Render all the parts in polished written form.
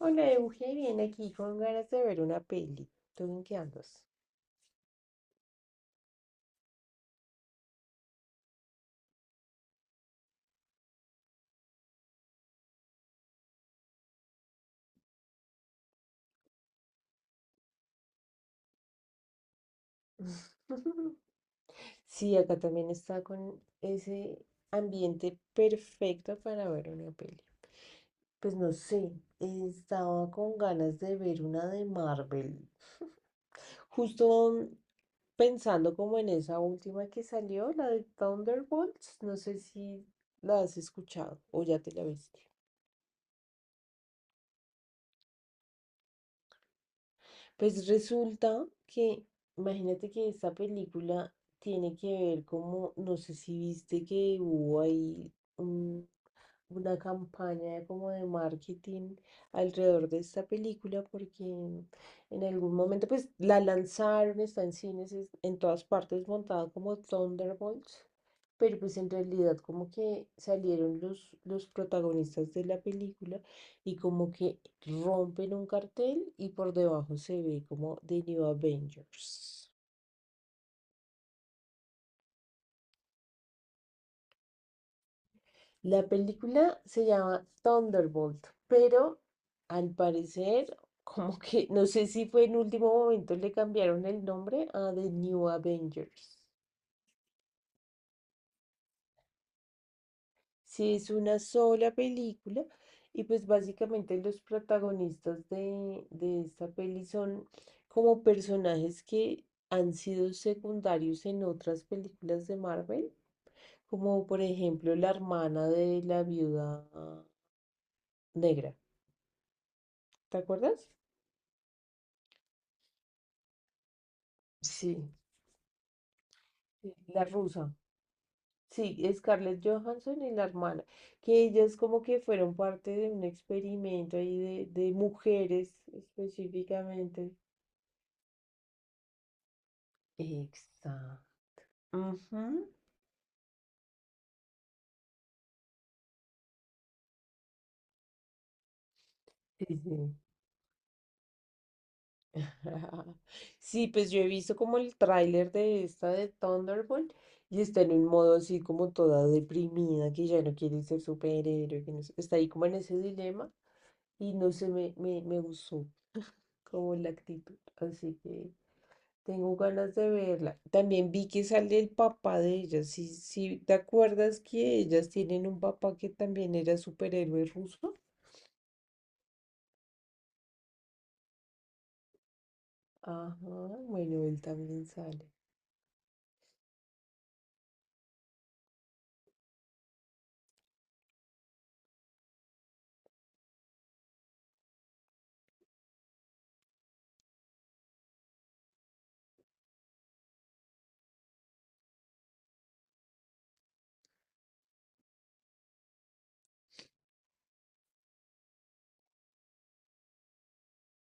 Hola, Euge, bien aquí con ganas de ver una peli. ¿Tú en qué andas? Sí, acá también está con ese ambiente perfecto para ver una peli. Pues no sé, estaba con ganas de ver una de Marvel. Justo pensando como en esa última que salió, la de Thunderbolts, no sé si la has escuchado o ya te la viste. Pues resulta que, imagínate que esta película tiene que ver como, no sé si viste que hubo ahí una campaña como de marketing alrededor de esta película porque en algún momento pues la lanzaron, está en cines, en todas partes montada como Thunderbolts, pero pues en realidad como que salieron los protagonistas de la película y como que rompen un cartel y por debajo se ve como The New Avengers. La película se llama Thunderbolt, pero al parecer, como que no sé si fue en último momento le cambiaron el nombre a The New Avengers. Sí, es una sola película y pues básicamente los protagonistas de esta peli son como personajes que han sido secundarios en otras películas de Marvel, como por ejemplo la hermana de la viuda negra. ¿Te acuerdas? Sí, Sí, la rusa, sí, Scarlett Johansson y la hermana, que ellas como que fueron parte de un experimento ahí de mujeres específicamente. Exacto. Ujú. Sí, sí. Sí, pues yo he visto como el tráiler de esta de Thunderbolt y está en un modo así como toda deprimida, que ya no quiere ser superhéroe, que no sé, está ahí como en ese dilema y no sé, me gustó como la actitud, así que... Tengo ganas de verla. También vi que sale el papá de ellas. Sí, sí, ¿te acuerdas que ellas tienen un papá que también era superhéroe ruso? Ajá, bueno, él también sale.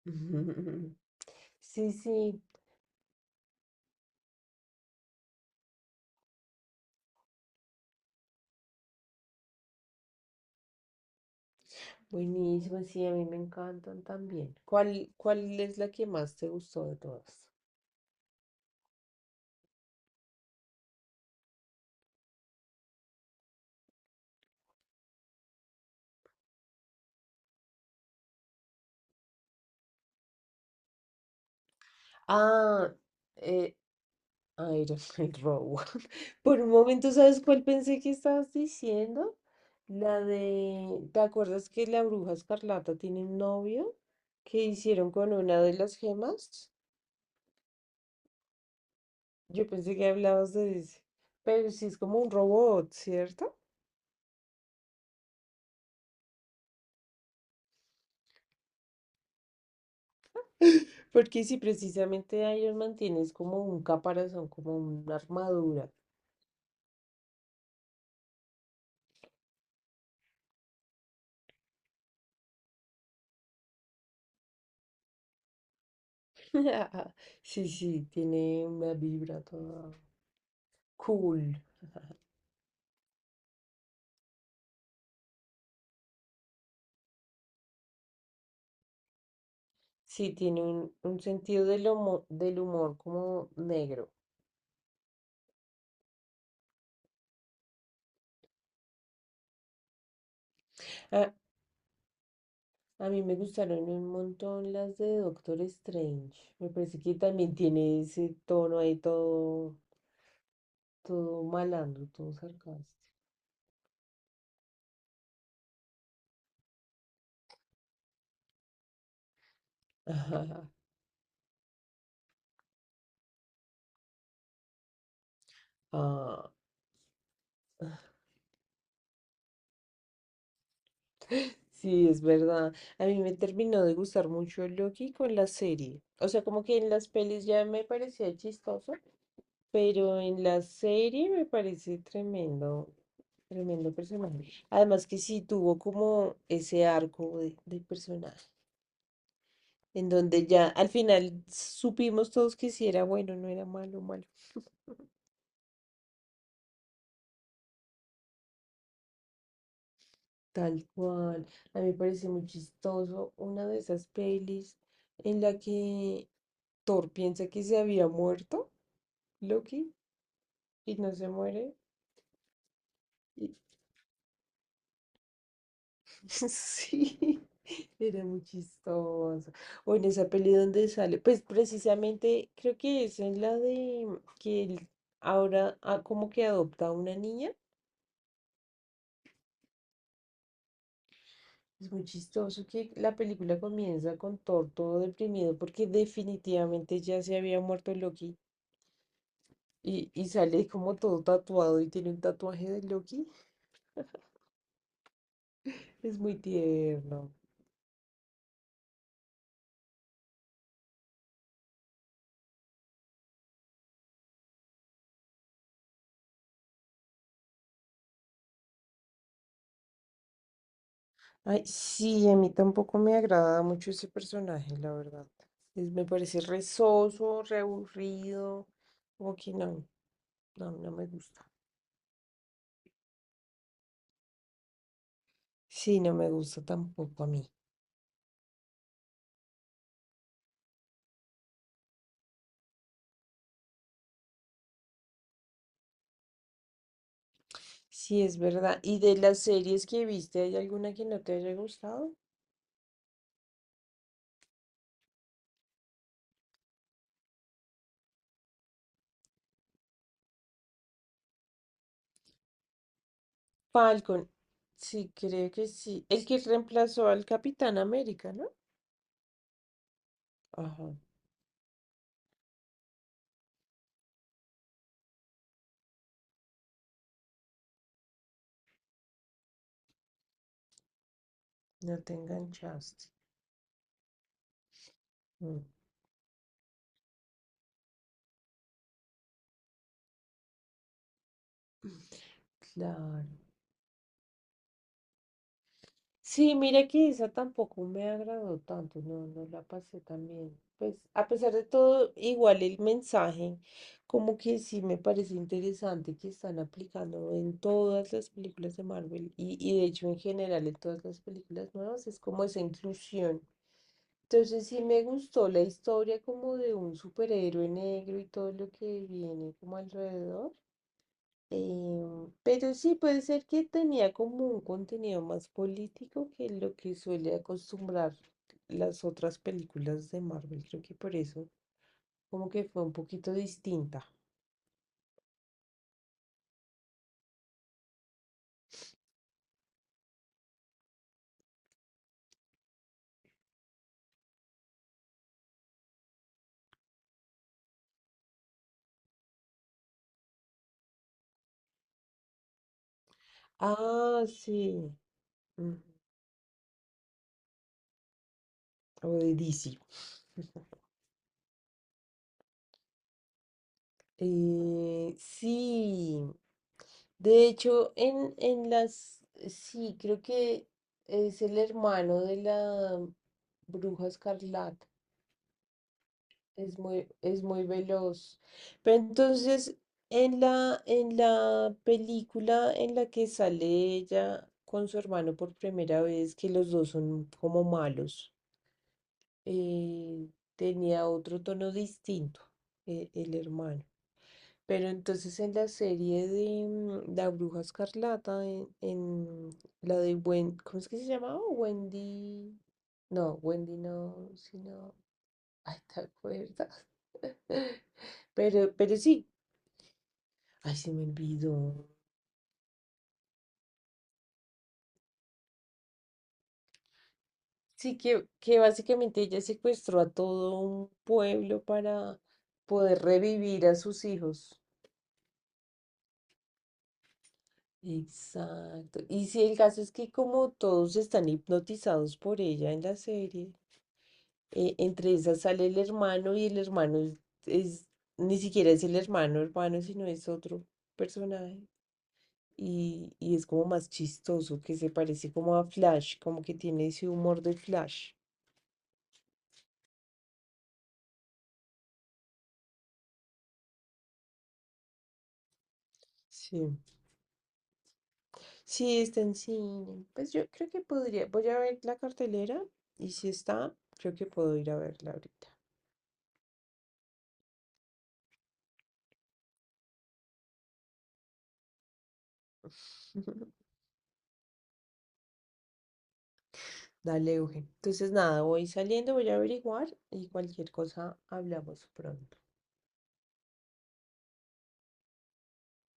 Sí, sí, buenísimo, sí, a mí me encantan también. Cuál es la que más te gustó de todas? Ah, eh. Iron Man Row. Por un momento, ¿sabes cuál pensé que estabas diciendo? La de, ¿te acuerdas que la bruja escarlata tiene un novio que hicieron con una de las gemas? Yo pensé que hablabas de ese. Pero sí es como un robot, ¿cierto? Porque si precisamente Iron Man tiene es como un caparazón, como una armadura. Sí, sí, tiene una vibra toda cool. Sí, tiene un sentido del humor como negro. Ah, a mí me gustaron un montón las de Doctor Strange. Me parece que también tiene ese tono ahí todo malandro, todo sarcástico. Ajá. Ah, sí, es verdad. A mí me terminó de gustar mucho Loki con la serie. O sea, como que en las pelis ya me parecía chistoso, pero en la serie me parece tremendo. Tremendo personaje. Además que sí tuvo como ese arco de personaje, en donde ya al final supimos todos que sí era bueno, no era malo, malo. Tal cual. A mí me parece muy chistoso una de esas pelis en la que Thor piensa que se había muerto, Loki, y no se muere. Sí, era muy chistoso. O en esa peli donde sale, pues precisamente creo que es en la de que él ahora como que adopta a una niña. Es muy chistoso que la película comienza con Thor todo deprimido porque definitivamente ya se había muerto Loki y sale como todo tatuado y tiene un tatuaje de Loki. Es muy tierno. Ay, sí, a mí tampoco me agrada mucho ese personaje, la verdad. Me parece re soso, re aburrido, como que no me gusta. Sí, no me gusta tampoco a mí. Sí, es verdad. ¿Y de las series que viste, hay alguna que no te haya gustado? Falcon, sí, creo que sí. El que reemplazó al Capitán América, ¿no? Ajá, no te enganchaste. Mm, claro. Sí, mire que esa tampoco me agradó tanto, no, no la pasé tan bien. Pues a pesar de todo, igual el mensaje, como que sí me parece interesante que están aplicando en todas las películas de Marvel y de hecho en general en todas las películas nuevas, es como esa inclusión. Entonces sí me gustó la historia como de un superhéroe negro y todo lo que viene como alrededor. Pero sí puede ser que tenía como un contenido más político que lo que suele acostumbrar las otras películas de Marvel. Creo que por eso como que fue un poquito distinta. Ah, sí. mm, o de DC. Sí. De hecho, en las... Sí, creo que es el hermano de la Bruja Escarlata. Es muy veloz. Pero entonces, en en la película en la que sale ella con su hermano por primera vez, que los dos son como malos, eh, tenía otro tono distinto, el hermano. Pero entonces en la serie de La Bruja Escarlata, en la de Wendy, ¿cómo es que se llamaba? Wendy. No, Wendy no, sino. Ay, ¿te acuerdas? Pero sí, ay, se me olvidó. Sí, que básicamente ella secuestró a todo un pueblo para poder revivir a sus hijos. Exacto. Y sí, el caso es que como todos están hipnotizados por ella en la serie, entre esas sale el hermano y el hermano es- ni siquiera es el hermano hermano, sino es otro personaje. Y es como más chistoso, que se parece como a Flash, como que tiene ese humor de Flash. Sí. Sí, está en cine. Pues yo creo que podría, voy a ver la cartelera y si está, creo que puedo ir a verla ahorita. Dale, Eugen. Entonces, nada, voy saliendo, voy a averiguar y cualquier cosa hablamos pronto.